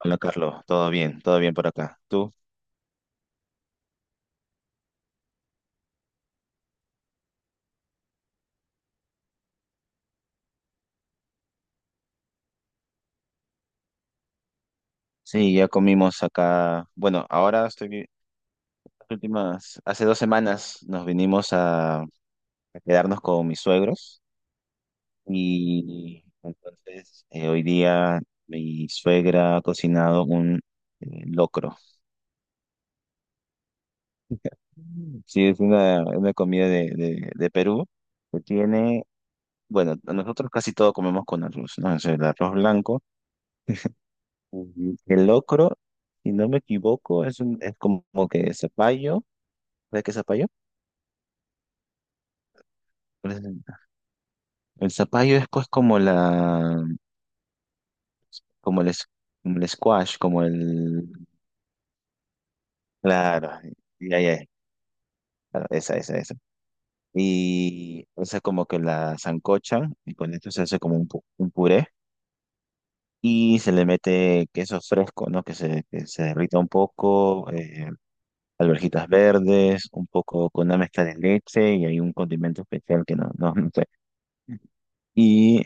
Hola Carlos, todo bien por acá. ¿Tú? Sí, ya comimos acá. Bueno, ahora estoy, las últimas, hace 2 semanas nos vinimos a quedarnos con mis suegros y entonces hoy día mi suegra ha cocinado un locro. Mm. Sí, es una comida de Perú que tiene, bueno, nosotros casi todo comemos con arroz, ¿no? Es el arroz blanco. El locro, si no me equivoco, es como que zapallo. ¿Sabes qué es zapallo? Pues, el zapallo es pues como el, es- como el squash, como el, claro, ya, ya, claro, esa, esa, esa. Y esa como que la zancochan y con esto se hace como un puré y se le mete queso fresco, ¿no? Que se derrita un poco, alverjitas verdes, un poco con una mezcla de leche y hay un condimento especial que no, no, no sé. Y,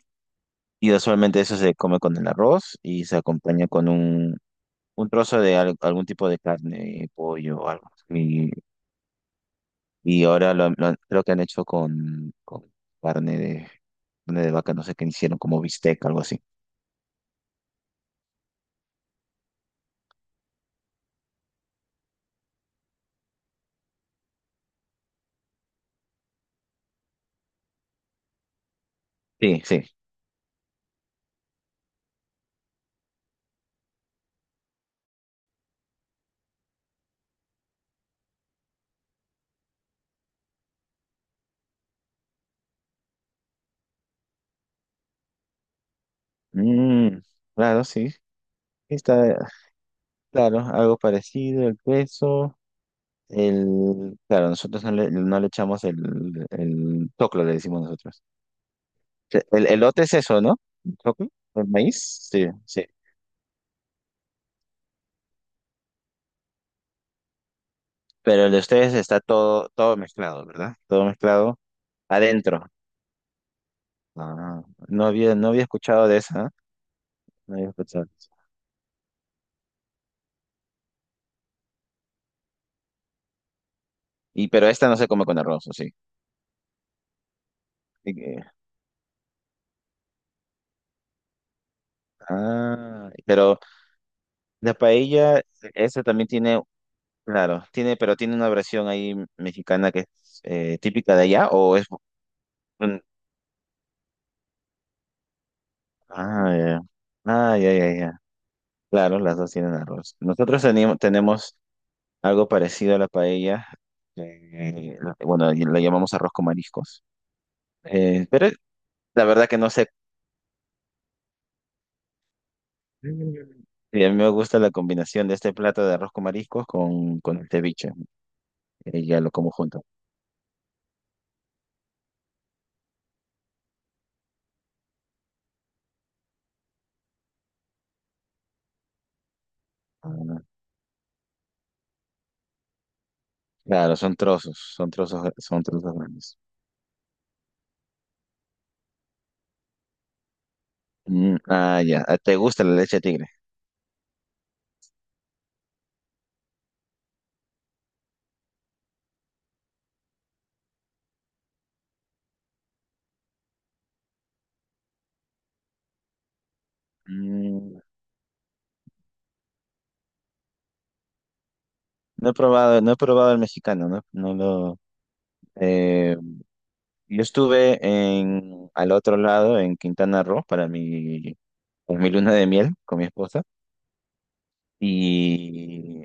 y usualmente eso se come con el arroz y se acompaña con un trozo de algún tipo de carne, pollo o algo. Y ahora creo que han hecho con carne de, carne de vaca, no sé qué hicieron, como bistec, algo así. Sí, sí. Mm, claro, sí. Está, claro, algo parecido, el queso. El, claro, nosotros no le echamos el choclo, le decimos nosotros. El elote es eso, ¿no? ¿El choclo? ¿El maíz? Sí, sí. Pero el de ustedes está todo mezclado, ¿verdad? Todo mezclado adentro. Ah, no había escuchado de esa, ¿eh? No había escuchado. Y pero esta no se come con arroz, ¿o sí? Y que- Ah, pero la paella, esa también tiene, claro, tiene, pero tiene una versión ahí mexicana que es típica de allá, un- ah, ya, ah, ya, ya, ya. Claro, las dos tienen arroz. Nosotros tenemos algo parecido a la paella. eh, bueno, la llamamos arroz con mariscos. Pero la verdad que no sé. Mm. Y a mí me gusta la combinación de este plato de arroz con mariscos con el ceviche. Y ya lo como junto. Ah, claro, son trozos, son trozos, son trozos grandes. Mm, ah, ya. Ah, ¿te gusta la leche de tigre? Mm, no he probado, no he probado el mexicano, no, no lo. eh, yo estuve en al otro lado, en Quintana Roo, pues, mi luna de miel con mi esposa. Y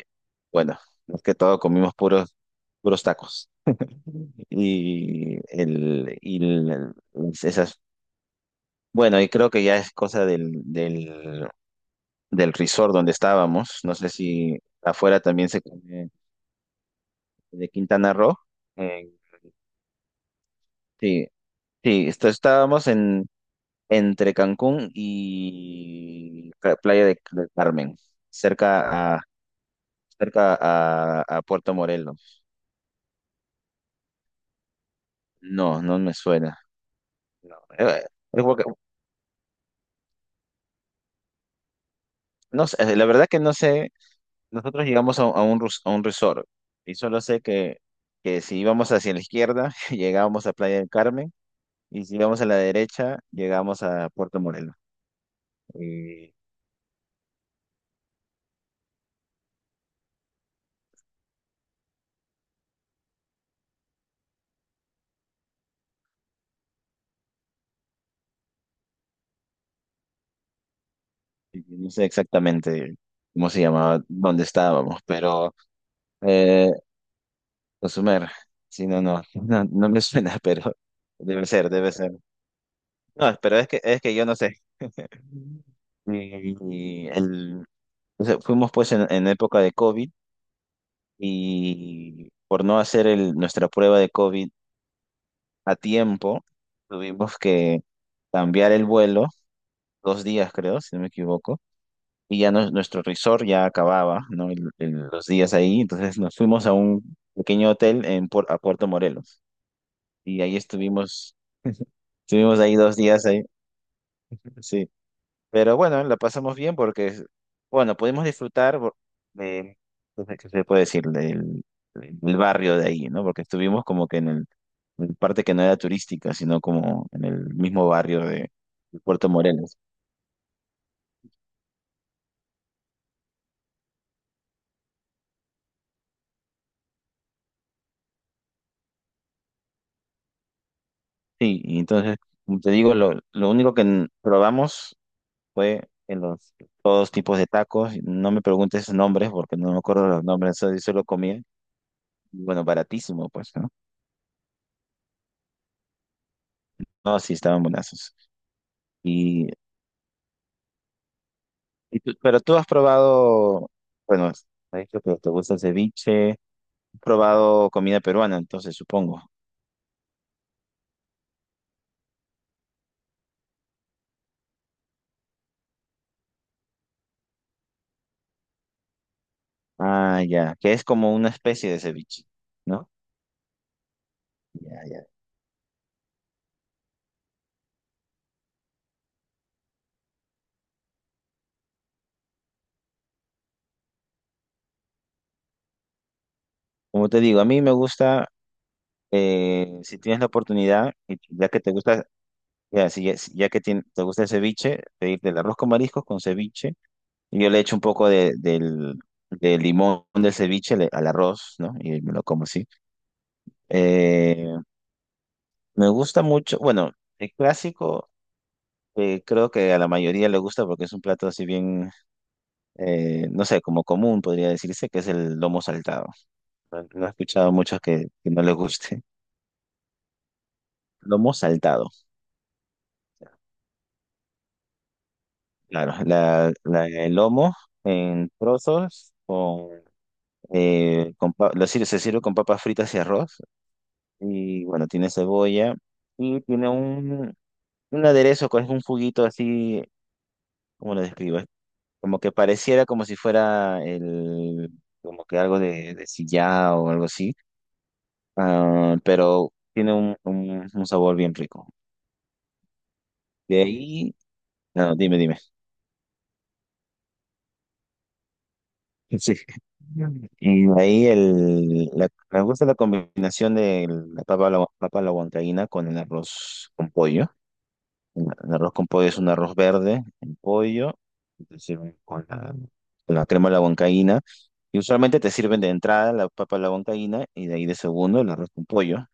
bueno, más que todo comimos puros tacos. Y, el, y el- esas, bueno, y creo que ya es cosa del resort donde estábamos. No sé si afuera también se come de Quintana Roo. Eh, sí, sí, estábamos entre Cancún y Playa del Carmen, cerca a, a Puerto Morelos. No, no me suena. No, es porque- no sé, la verdad que no sé. Nosotros llegamos a a un resort y solo sé que si íbamos hacia la izquierda, llegábamos a Playa del Carmen y si íbamos a la derecha, llegábamos a Puerto Morelos. Y, y no sé exactamente cómo se llamaba, dónde estábamos, pero eh, Cozumel, sí, no, no, no, no me suena, pero debe ser, debe ser. No, pero es que yo no sé. Y, y o sea, fuimos pues en época de COVID y por no hacer nuestra prueba de COVID a tiempo, tuvimos que cambiar el vuelo, 2 días creo, si no me equivoco, y ya nuestro resort ya acababa, ¿no? Los días ahí, entonces nos fuimos a un pequeño hotel a Puerto Morelos y ahí estuvimos, estuvimos ahí 2 días ahí, sí. Pero bueno, la pasamos bien porque, bueno, pudimos disfrutar de, no sé, ¿qué se puede decir? Del barrio de ahí, ¿no? Porque estuvimos como que en parte que no era turística, sino como en el mismo barrio de Puerto Morelos. Sí, y entonces, como te digo, lo único que probamos fue en los todos tipos de tacos. No me preguntes nombres porque no me acuerdo los nombres, solo comía. Y bueno, baratísimo, pues, ¿no? No, sí, estaban buenazos. Pero tú has probado, bueno, has dicho que te gusta el ceviche, has probado comida peruana, entonces supongo. Ah, ya, que es como una especie de ceviche, ¿no? Ya, ya. Como te digo, a mí me gusta, si tienes la oportunidad, y ya que te gusta, ya, si, ya, si- te gusta el ceviche, pedirte el arroz con mariscos con ceviche, y yo le echo un poco del limón del ceviche al arroz, ¿no? Y me lo como así. Eh, me gusta mucho, bueno, el clásico. Creo que a la mayoría le gusta porque es un plato así bien, no sé, como común podría decirse, que es el lomo saltado. No, no he escuchado muchos que no les guste. Lomo saltado, claro. El lomo en trozos con pa- lo sir- se sirve con papas fritas y arroz. Y bueno, tiene cebolla y tiene un aderezo con un juguito así, ¿cómo lo describo? Como que pareciera como si fuera como que algo de sillao o algo así, ah, pero tiene un sabor bien rico. De ahí, no, dime, dime. Sí. Y de ahí me gusta la combinación de papa a la huancaína con el arroz con pollo. El arroz con pollo es un arroz verde, el pollo, y te sirven con con la crema de la huancaína. Y usualmente te sirven de entrada la papa a la huancaína y de ahí de segundo el arroz con pollo.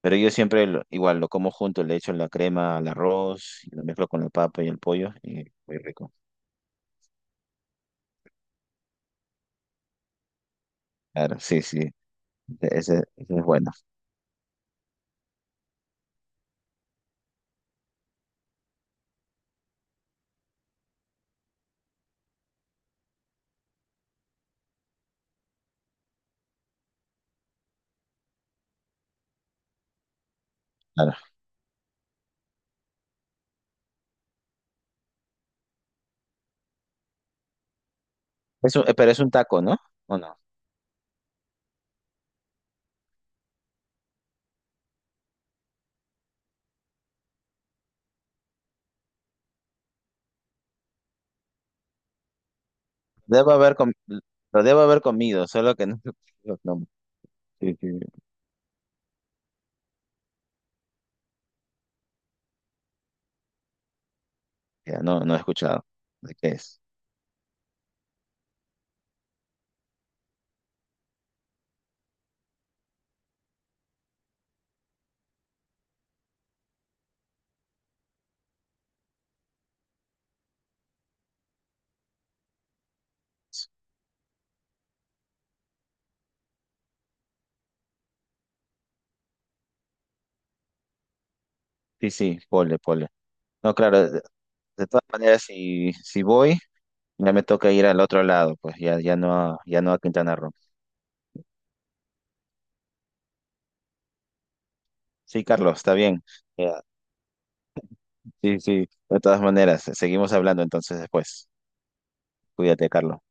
Pero yo siempre igual lo como junto, le echo la crema al arroz, y lo mezclo con la papa y el pollo y muy rico. Claro, sí, sí, ese es bueno. Claro. Pero es un taco, ¿no? ¿O no? Debo haber com- lo debo haber comido, solo que no, no, sí, sí, ya no, no he escuchado. ¿De qué es? Sí, sí, pole, pole. No, claro, de todas maneras, si voy, ya me toca ir al otro lado, pues ya no a Quintana Roo. Sí, Carlos, está bien. Ya, sí, sí, de todas maneras, seguimos hablando entonces después. Cuídate, Carlos.